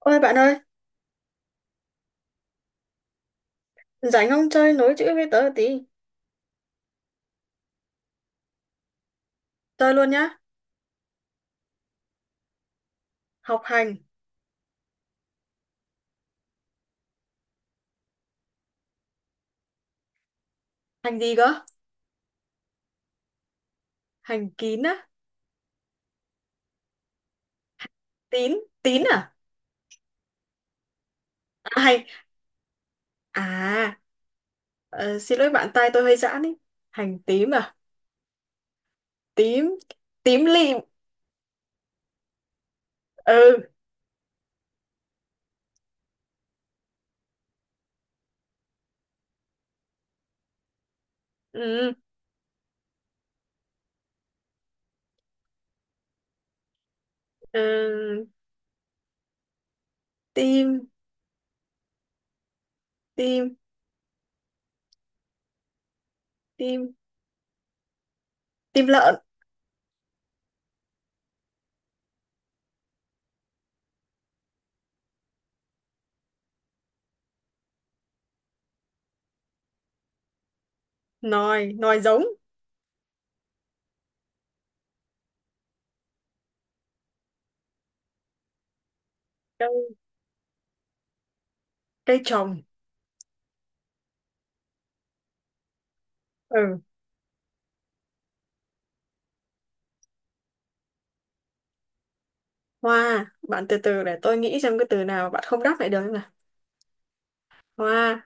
Ôi bạn ơi, rảnh không chơi nối chữ với tớ một tí. Chơi luôn nhá. Học hành. Hành gì cơ? Hành kín á? Tín? Tín à? À hay. À, Xin lỗi bạn, tai tôi hơi giãn ý. Hành tím à? Tím. Tím lịm. Ừ. Ừ. ừ. Tim. Tim. Tim. Tim lợn. Nòi. Nòi giống. Cây. Cây trồng. Ừ. Hoa. Bạn từ từ để tôi nghĩ xem cái từ nào bạn không đáp lại được không nào. Hoa.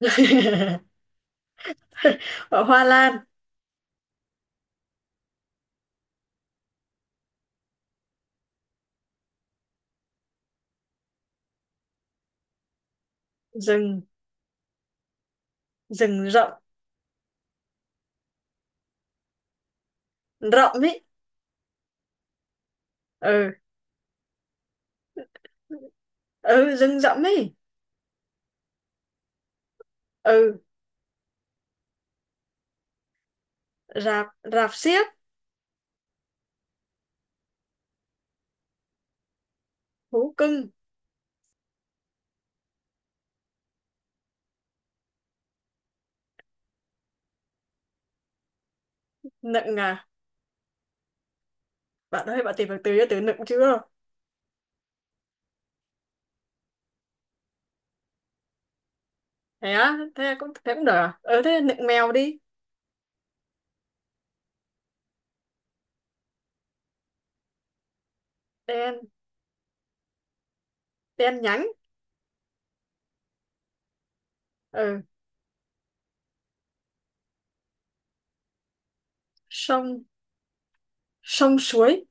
Hoa lan. Rừng rừng rộng. Rộng ấy ừ ừ Rừng rộng ấy. ừ rạp rạp xiếc. Thú cưng. Nựng à? Bạn ơi, bạn tìm được từ cho từ nựng chưa? Thế á? Thế cũng, thế cũng được à? Ừ, thế nựng mèo đi. Đen. Đen nhánh. Ừ. Sông. Sông suối.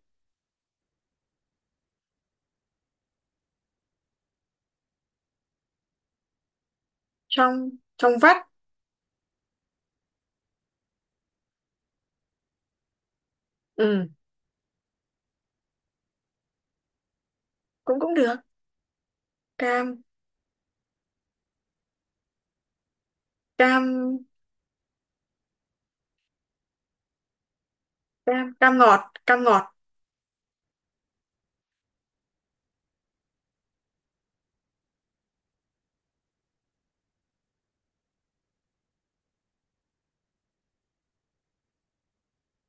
Trong. Trong vắt. Ừ. cũng cũng được. cam cam Cam, cam ngọt. Cam ngọt.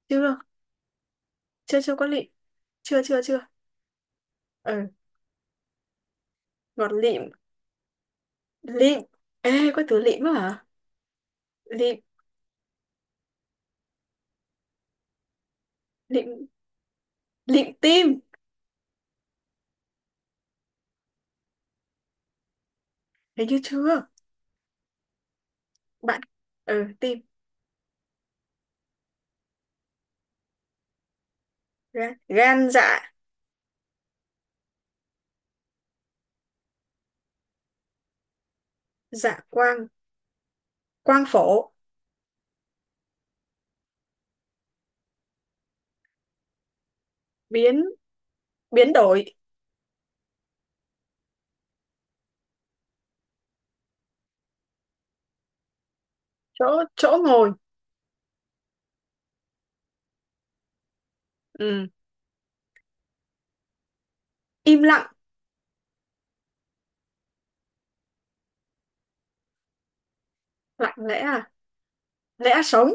Chưa chưa chưa có lịm chưa chưa chưa ừ Ngọt lịm. Lịm. Ê, có từ lịm á hả? Lịm lịm lịm tim. Thấy như chưa, bạn? Ừ, tim gan, gan dạ. Dạ quang. Quang phổ biến. Biến đổi. Chỗ. Chỗ ngồi. Ừ. Im lặng. Lặng lẽ à? Lẽ sống.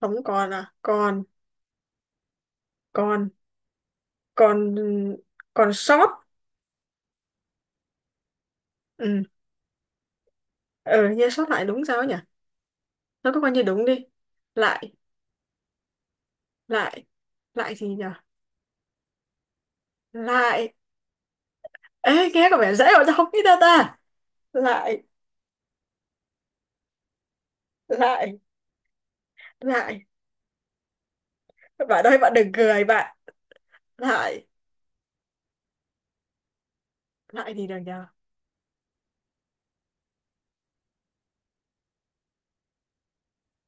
Sống còn à? Còn còn còn còn sót. Ừ, ờ như sót lại đúng sao ấy nhỉ? Nó có coi như đúng đi. Lại. lại Lại gì nhỉ? Lại, ê nghe có vẻ dễ mà sao không biết đâu ta. Lại lại Lại, bạn ơi bạn đừng cười bạn. Lại. Lại gì được nhờ?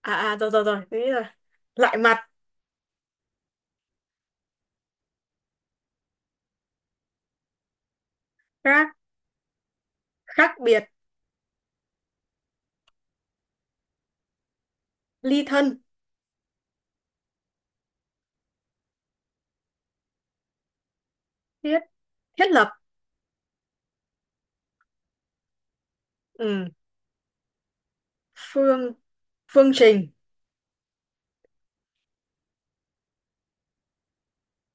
À, rồi rồi rồi thế rồi lại mặt. Khác. Khác biệt. Ly thân. Thiết. Thiết lập. Ừ. Phương. Phương trình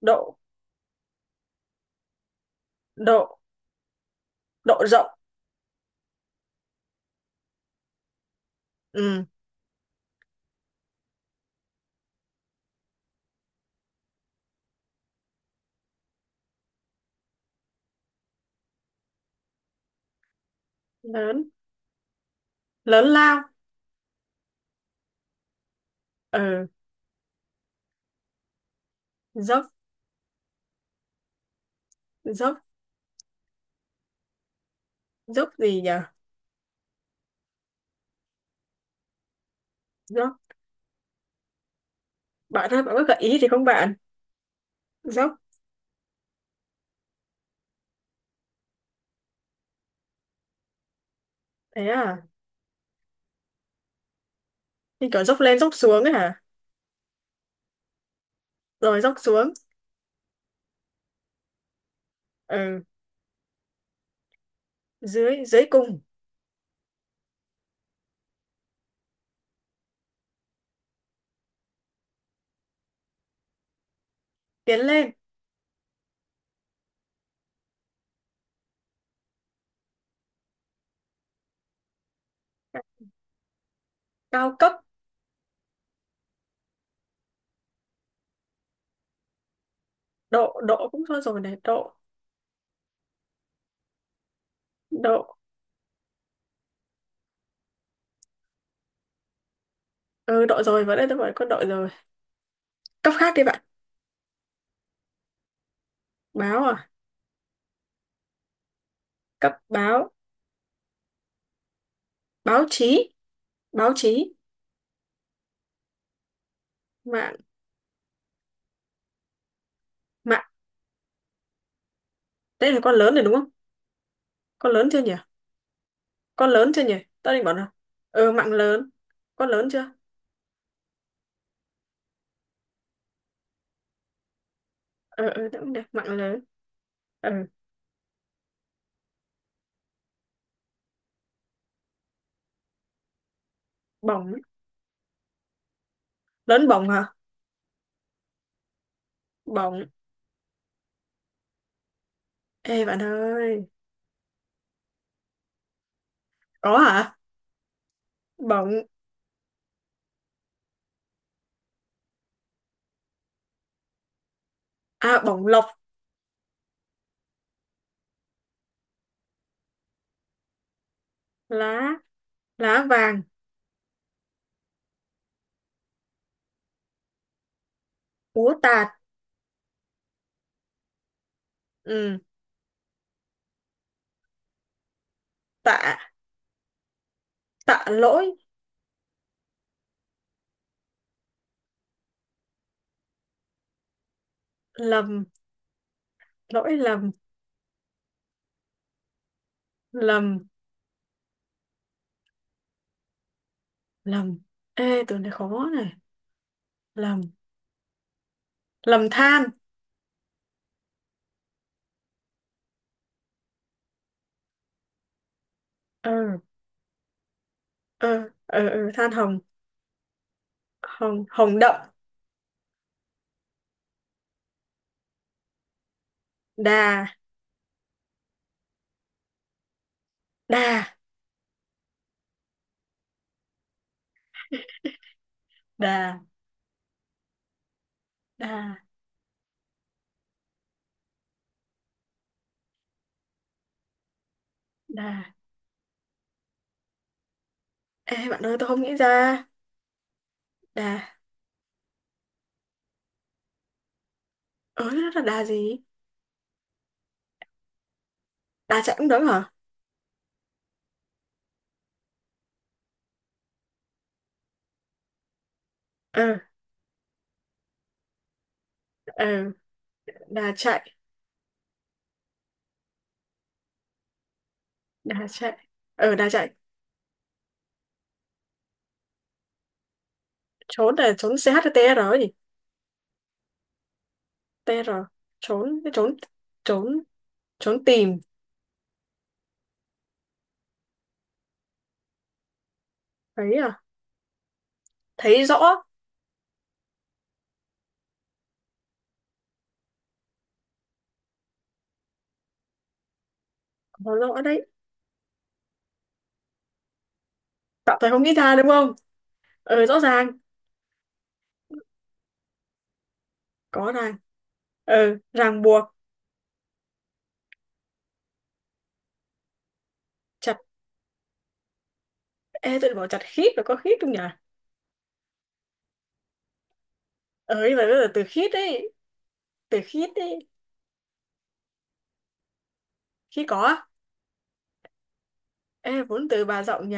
Độ độ độ rộng. Ừ. Lớn. Lớn lao. Ừ. Dốc. dốc Dốc gì nhờ? Dốc. Bạn ơi, bạn có gợi ý thì không, bạn? Dốc. Thế à? Như kiểu dốc lên dốc xuống ấy hả? Rồi dốc xuống. Ừ. Dưới. Dưới cùng tiến lên. Cao cấp. Độ, cũng thôi rồi này. Độ độ Ừ, đội rồi, vào đây tôi bảo có đội rồi. Cấp khác đi bạn. Báo à? Cấp báo. Báo chí. Báo chí. Mạng. Mạng. Đây là con lớn rồi đúng không? Con lớn chưa nhỉ? Con lớn chưa nhỉ? Tao định bảo nào? Ừ, mạng lớn. Con lớn chưa? Ừ, ừ, đúng được. Mạng lớn. Ừ, bỏng. Lớn bỏng hả? Bỏng. Ê bạn ơi. Có hả? Bỏng. À, bỏng lộc. Lá. Lá vàng. Úa tạt. Ừ, tạ. Tạ lỗi. Lầm. Lỗi lầm. Lầm. Lầm. Ê, từ này khó này. Lầm. Lầm than. ờ ờ, Than hồng. Hồng đậm. Đà đà đà đà Đà, ê bạn ơi tôi không nghĩ ra. Đà, ớ nó là đà gì? Đà chạy cũng đúng hả? ờ ờ Đà chạy. đà chạy Đà chạy trốn. Là trốn ch hay tr rồi gì? Tr. Trốn trốn trốn trốn tìm. Thấy à? Thấy rõ. Có rõ đấy, tạm thời không nghĩ ra đúng không? Ờ, rõ ràng. Có ràng, ờ ràng buộc. Chả, ê, tụi bảo chặt khít rồi, có khít không nhỉ? Ờ, nhưng mà bây giờ từ khít ấy, từ khít ấy, khít có á? Ê, vốn từ bà rộng nhỉ?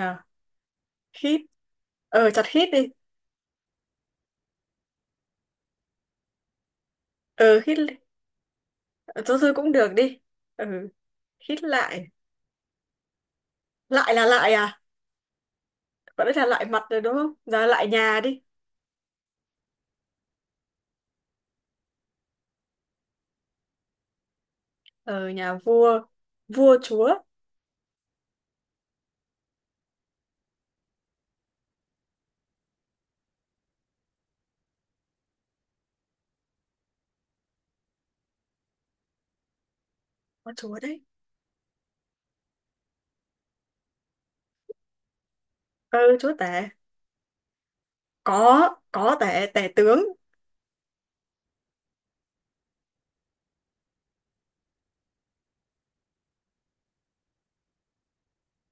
Khít. Ờ, chặt khít đi. Ờ, khít, ờ, thôi thôi cũng được đi. Ừ, khít lại. Lại là lại à? Còn đấy là lại mặt rồi đúng không? Giờ lại nhà đi. Ờ, nhà vua. Vua chúa. Có chúa đấy. Ờ, chúa tể. Có tể, tể tướng.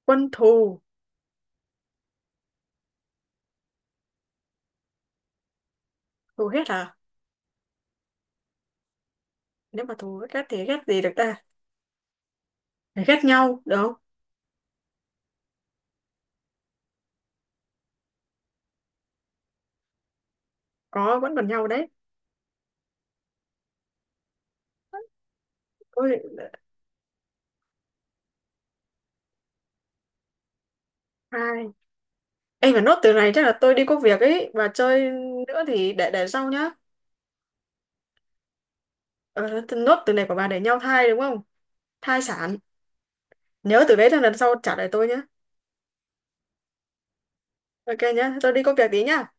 Quân thù. Thù hết à? Nếu mà thù ghét thì ghét gì được ta? Ghét nhau, được không? Có, vẫn còn nhau đấy. Ôi, hai. Ê, mà nốt từ này chắc là tôi đi có việc ấy, và chơi nữa thì để sau nhá. Ờ, nốt từ này của bà để nhau thai đúng không? Thai sản. Nhớ từ đấy cho lần sau trả lại tôi nhá. OK nhá, tôi đi có việc tí nhá.